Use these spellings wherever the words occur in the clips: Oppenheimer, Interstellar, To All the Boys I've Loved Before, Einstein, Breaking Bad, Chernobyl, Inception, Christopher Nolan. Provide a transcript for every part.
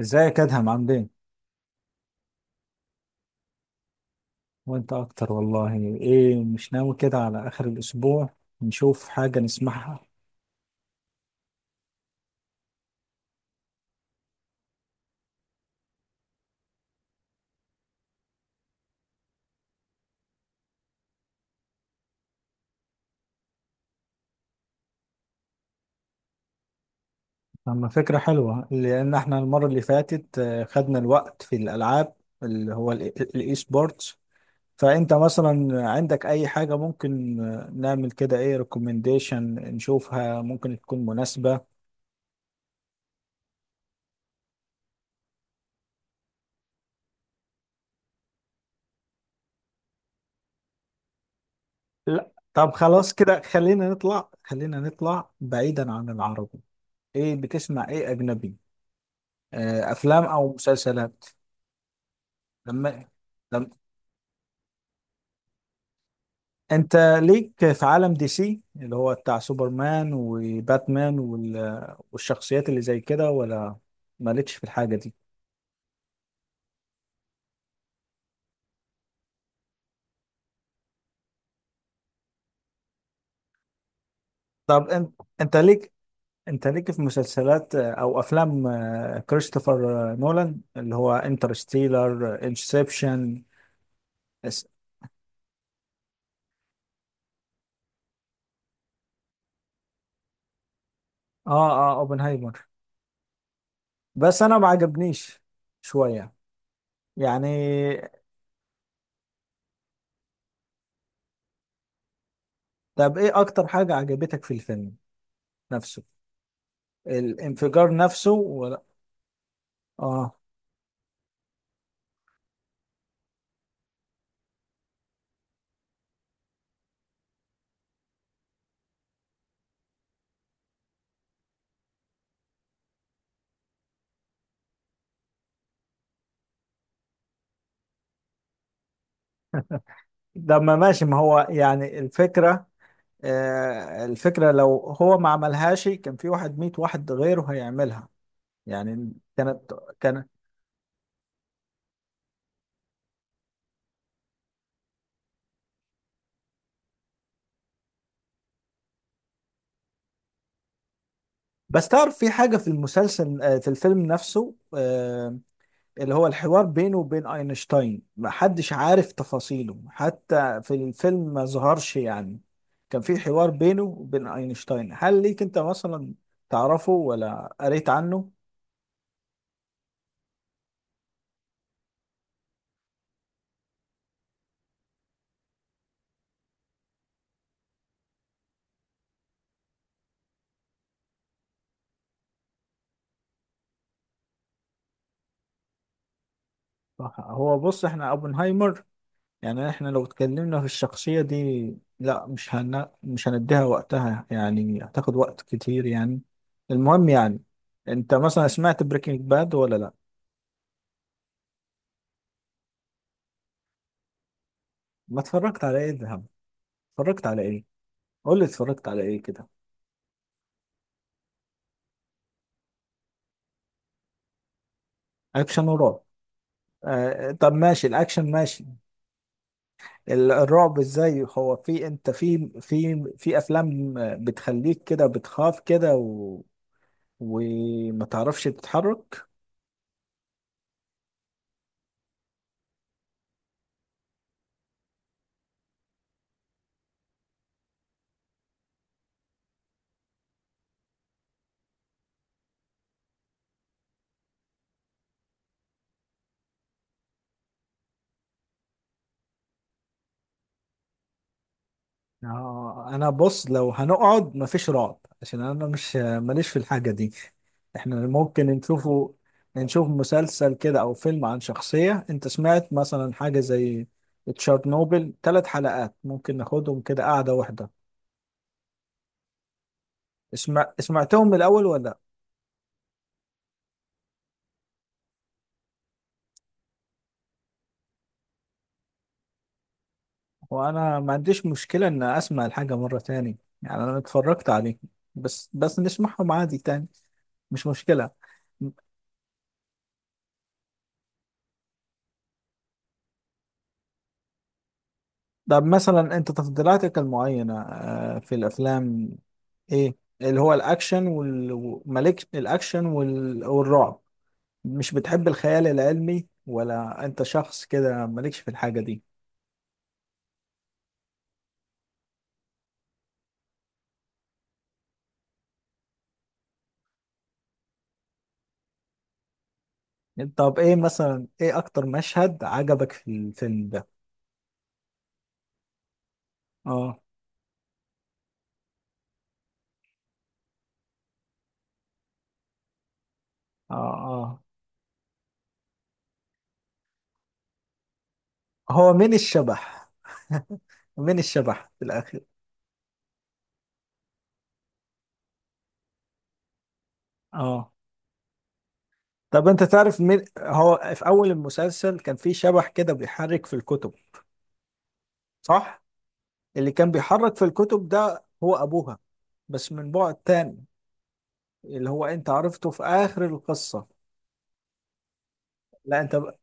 ازيك ادهم؟ عامل ايه؟ وانت اكتر والله. ايه مش ناوي كده على اخر الاسبوع نشوف حاجه نسمعها؟ اما فكره حلوه، لان احنا المره اللي فاتت خدنا الوقت في الالعاب اللي هو الاي سبورتس. فانت مثلا عندك اي حاجه ممكن نعمل كده ايه ريكومنديشن نشوفها ممكن تكون مناسبه؟ لا طب خلاص كده، خلينا نطلع بعيدا عن العربي. ايه بتسمع ايه اجنبي؟ افلام او مسلسلات؟ لما لما انت ليك في عالم دي سي اللي هو بتاع سوبرمان وباتمان والشخصيات اللي زي كده ولا مالكش في الحاجة دي؟ طب انت ليك انت ليك في مسلسلات او افلام كريستوفر نولان، اللي هو انترستيلر، انسبشن؟ اس... اه، اه، اوبنهايمر. بس انا ما عجبنيش شوية يعني. طب ايه اكتر حاجة عجبتك في الفيلم نفسه؟ الانفجار نفسه ولا؟ اه، ده ما ماشي، ما هو يعني الفكرة، الفكرة، لو هو ما عملهاش كان في واحد، ميت واحد غيره هيعملها، يعني كانت، كان. بس تعرف في حاجة في المسلسل، في الفيلم نفسه، اللي هو الحوار بينه وبين أينشتاين، ما حدش عارف تفاصيله حتى في الفيلم ما ظهرش يعني. كان في حوار بينه وبين أينشتاين، هل ليك أنت مثلا تعرفه ولا قريت عنه؟ هو بص، احنا اوبنهايمر، يعني احنا لو اتكلمنا في الشخصية دي لا، مش هنديها وقتها يعني، هتاخد وقت كتير يعني. المهم يعني، انت مثلا سمعت بريكنج باد ولا لا؟ ما اتفرجت على ايه؟ ذهب؟ اتفرجت على ايه؟ قول لي اتفرجت على ايه كده. اكشن ورعب؟ آه طب ماشي، الاكشن ماشي، الرعب ازاي؟ هو في انت في افلام بتخليك كده بتخاف كده وما تعرفش تتحرك؟ اه، انا بص، لو هنقعد مفيش رعب، عشان انا مش ماليش في الحاجه دي. احنا ممكن نشوفه، نشوف مسلسل كده او فيلم عن شخصيه. انت سمعت مثلا حاجه زي تشارنوبل؟ 3 حلقات ممكن ناخدهم كده قاعده واحده. اسمع، سمعتهم من الاول ولا لأ؟ وانا ما عنديش مشكله ان اسمع الحاجه مره تاني، يعني انا اتفرجت عليه بس نسمعهم عادي تاني، مش مشكله. طب مثلا انت تفضيلاتك المعينه في الافلام، ايه اللي هو الاكشن مالك الاكشن والرعب؟ مش بتحب الخيال العلمي ولا انت شخص كده مالكش في الحاجة دي؟ طب ايه مثلا، ايه اكتر مشهد عجبك في الفيلم ده؟ اه، اه، اه، هو مين الشبح؟ مين الشبح في الاخر؟ اه، طب انت تعرف مين هو؟ في اول المسلسل كان في شبح كده بيحرك في الكتب، صح؟ اللي كان بيحرك في الكتب ده هو ابوها، بس من بعد تاني اللي هو انت عرفته في اخر القصة. لا انت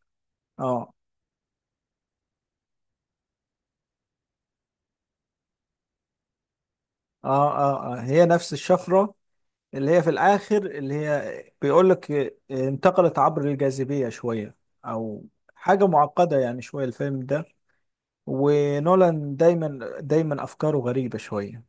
اه، اه، اه، اه، هي نفس الشفرة، اللي هي في الاخر اللي هي بيقول لك انتقلت عبر الجاذبية شوية، او حاجة معقدة يعني شوية الفيلم ده. ونولان دايما دايما افكاره غريبة شوية.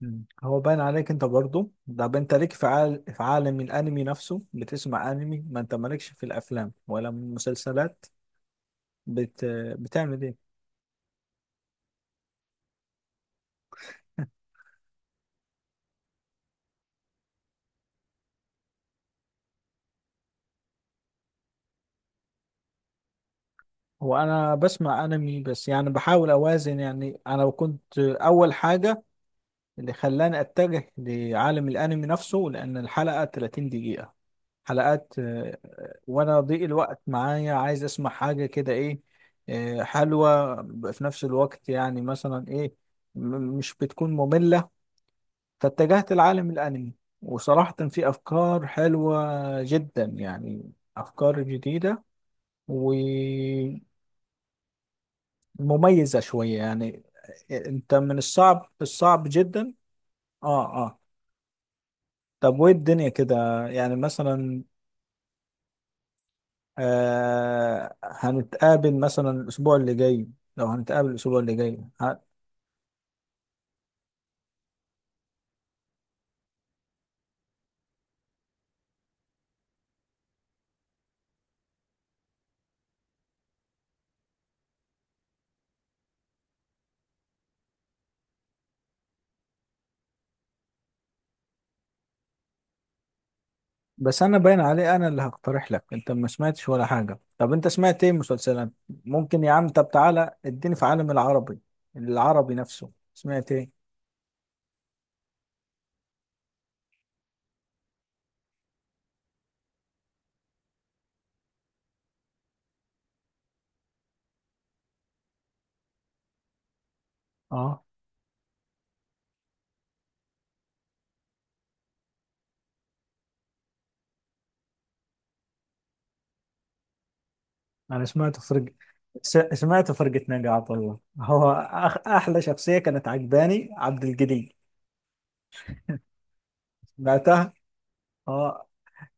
مم. هو باين عليك انت برضو ده، انت ليك في عالم الانمي نفسه، بتسمع انمي؟ ما انت مالكش في الافلام ولا المسلسلات؟ بت... بتعمل ايه؟ هو انا بسمع انمي بس، يعني بحاول اوازن. يعني انا كنت اول حاجه اللي خلاني اتجه لعالم الانمي نفسه لان الحلقه 30 دقيقه، حلقات وانا ضيق الوقت معايا، عايز اسمع حاجه كده ايه، حلوه، في نفس الوقت يعني مثلا ايه، مش بتكون ممله. فاتجهت لعالم الانمي، وصراحه في افكار حلوه جدا يعني، افكار جديده و مميزة شوية يعني. انت من الصعب الصعب جدا. اه، اه. طب وايه الدنيا كده يعني مثلا؟ هنتقابل مثلا الاسبوع اللي جاي؟ لو هنتقابل الاسبوع اللي جاي بس انا باين عليه انا اللي هقترح لك، انت ما سمعتش ولا حاجة. طب انت سمعت ايه مسلسلات ممكن يا عم؟ طب تعالى اديني في عالم العربي، العربي نفسه سمعت ايه؟ اه، انا سمعت فرقة نقعات. والله هو احلى شخصية كانت عجباني عبد الجليل. سمعتها؟ اه.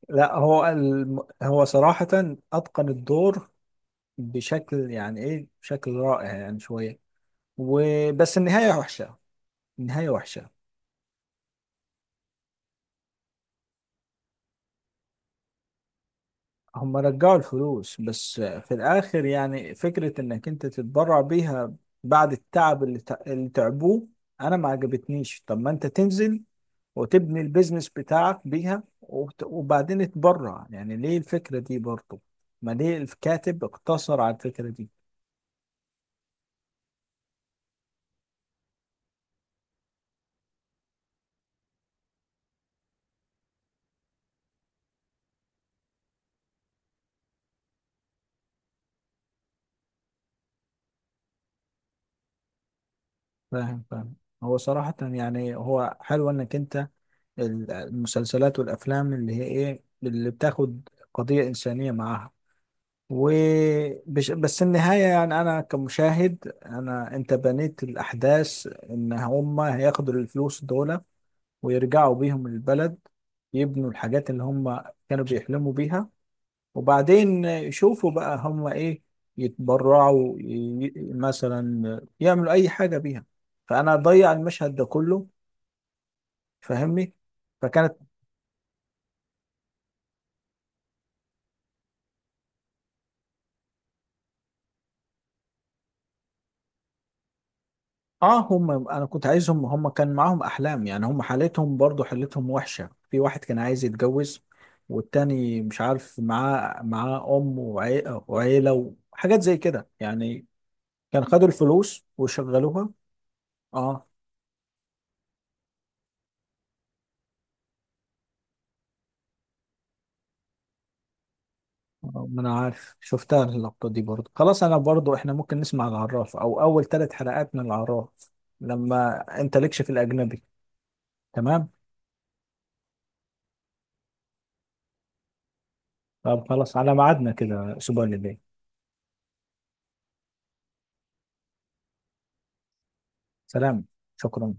لا هو هو صراحة اتقن الدور بشكل يعني ايه، بشكل رائع يعني شوية. وبس النهاية وحشة، النهاية وحشة. هم رجعوا الفلوس بس في الاخر يعني فكرة انك انت تتبرع بيها بعد التعب اللي تعبوه، انا ما عجبتنيش. طب ما انت تنزل وتبني البيزنس بتاعك بيها، وبعدين تبرع. يعني ليه الفكرة دي برضه، ما ليه الكاتب اقتصر على الفكرة دي؟ فاهم فاهم. هو صراحة يعني هو حلو انك انت المسلسلات والافلام اللي هي ايه، اللي بتاخد قضية انسانية معاها. وبش بس النهاية يعني، أنا كمشاهد، أنت بنيت الأحداث إن هما هياخدوا الفلوس دول ويرجعوا بيهم البلد، يبنوا الحاجات اللي هما كانوا بيحلموا بيها، وبعدين يشوفوا بقى هم ايه، يتبرعوا مثلا يعملوا اي حاجه بيها. فانا اضيع المشهد ده كله، فاهمني؟ فكانت. اه، هم انا كنت عايزهم، هم كان معاهم احلام يعني، هم حالتهم برضو، حالتهم وحشه، في واحد كان عايز يتجوز والتاني مش عارف، معاه ام وعيله وحاجات زي كده يعني. كان خدوا الفلوس وشغلوها. اه. ما انا عارف، شفتها اللقطة دي برضو. خلاص انا برضو، احنا ممكن نسمع العراف، او اول 3 حلقات من العراف، لما انت لكش في الاجنبي. تمام؟ طب خلاص على ميعادنا كده الاسبوع اللي جاي. سلام، شكرا.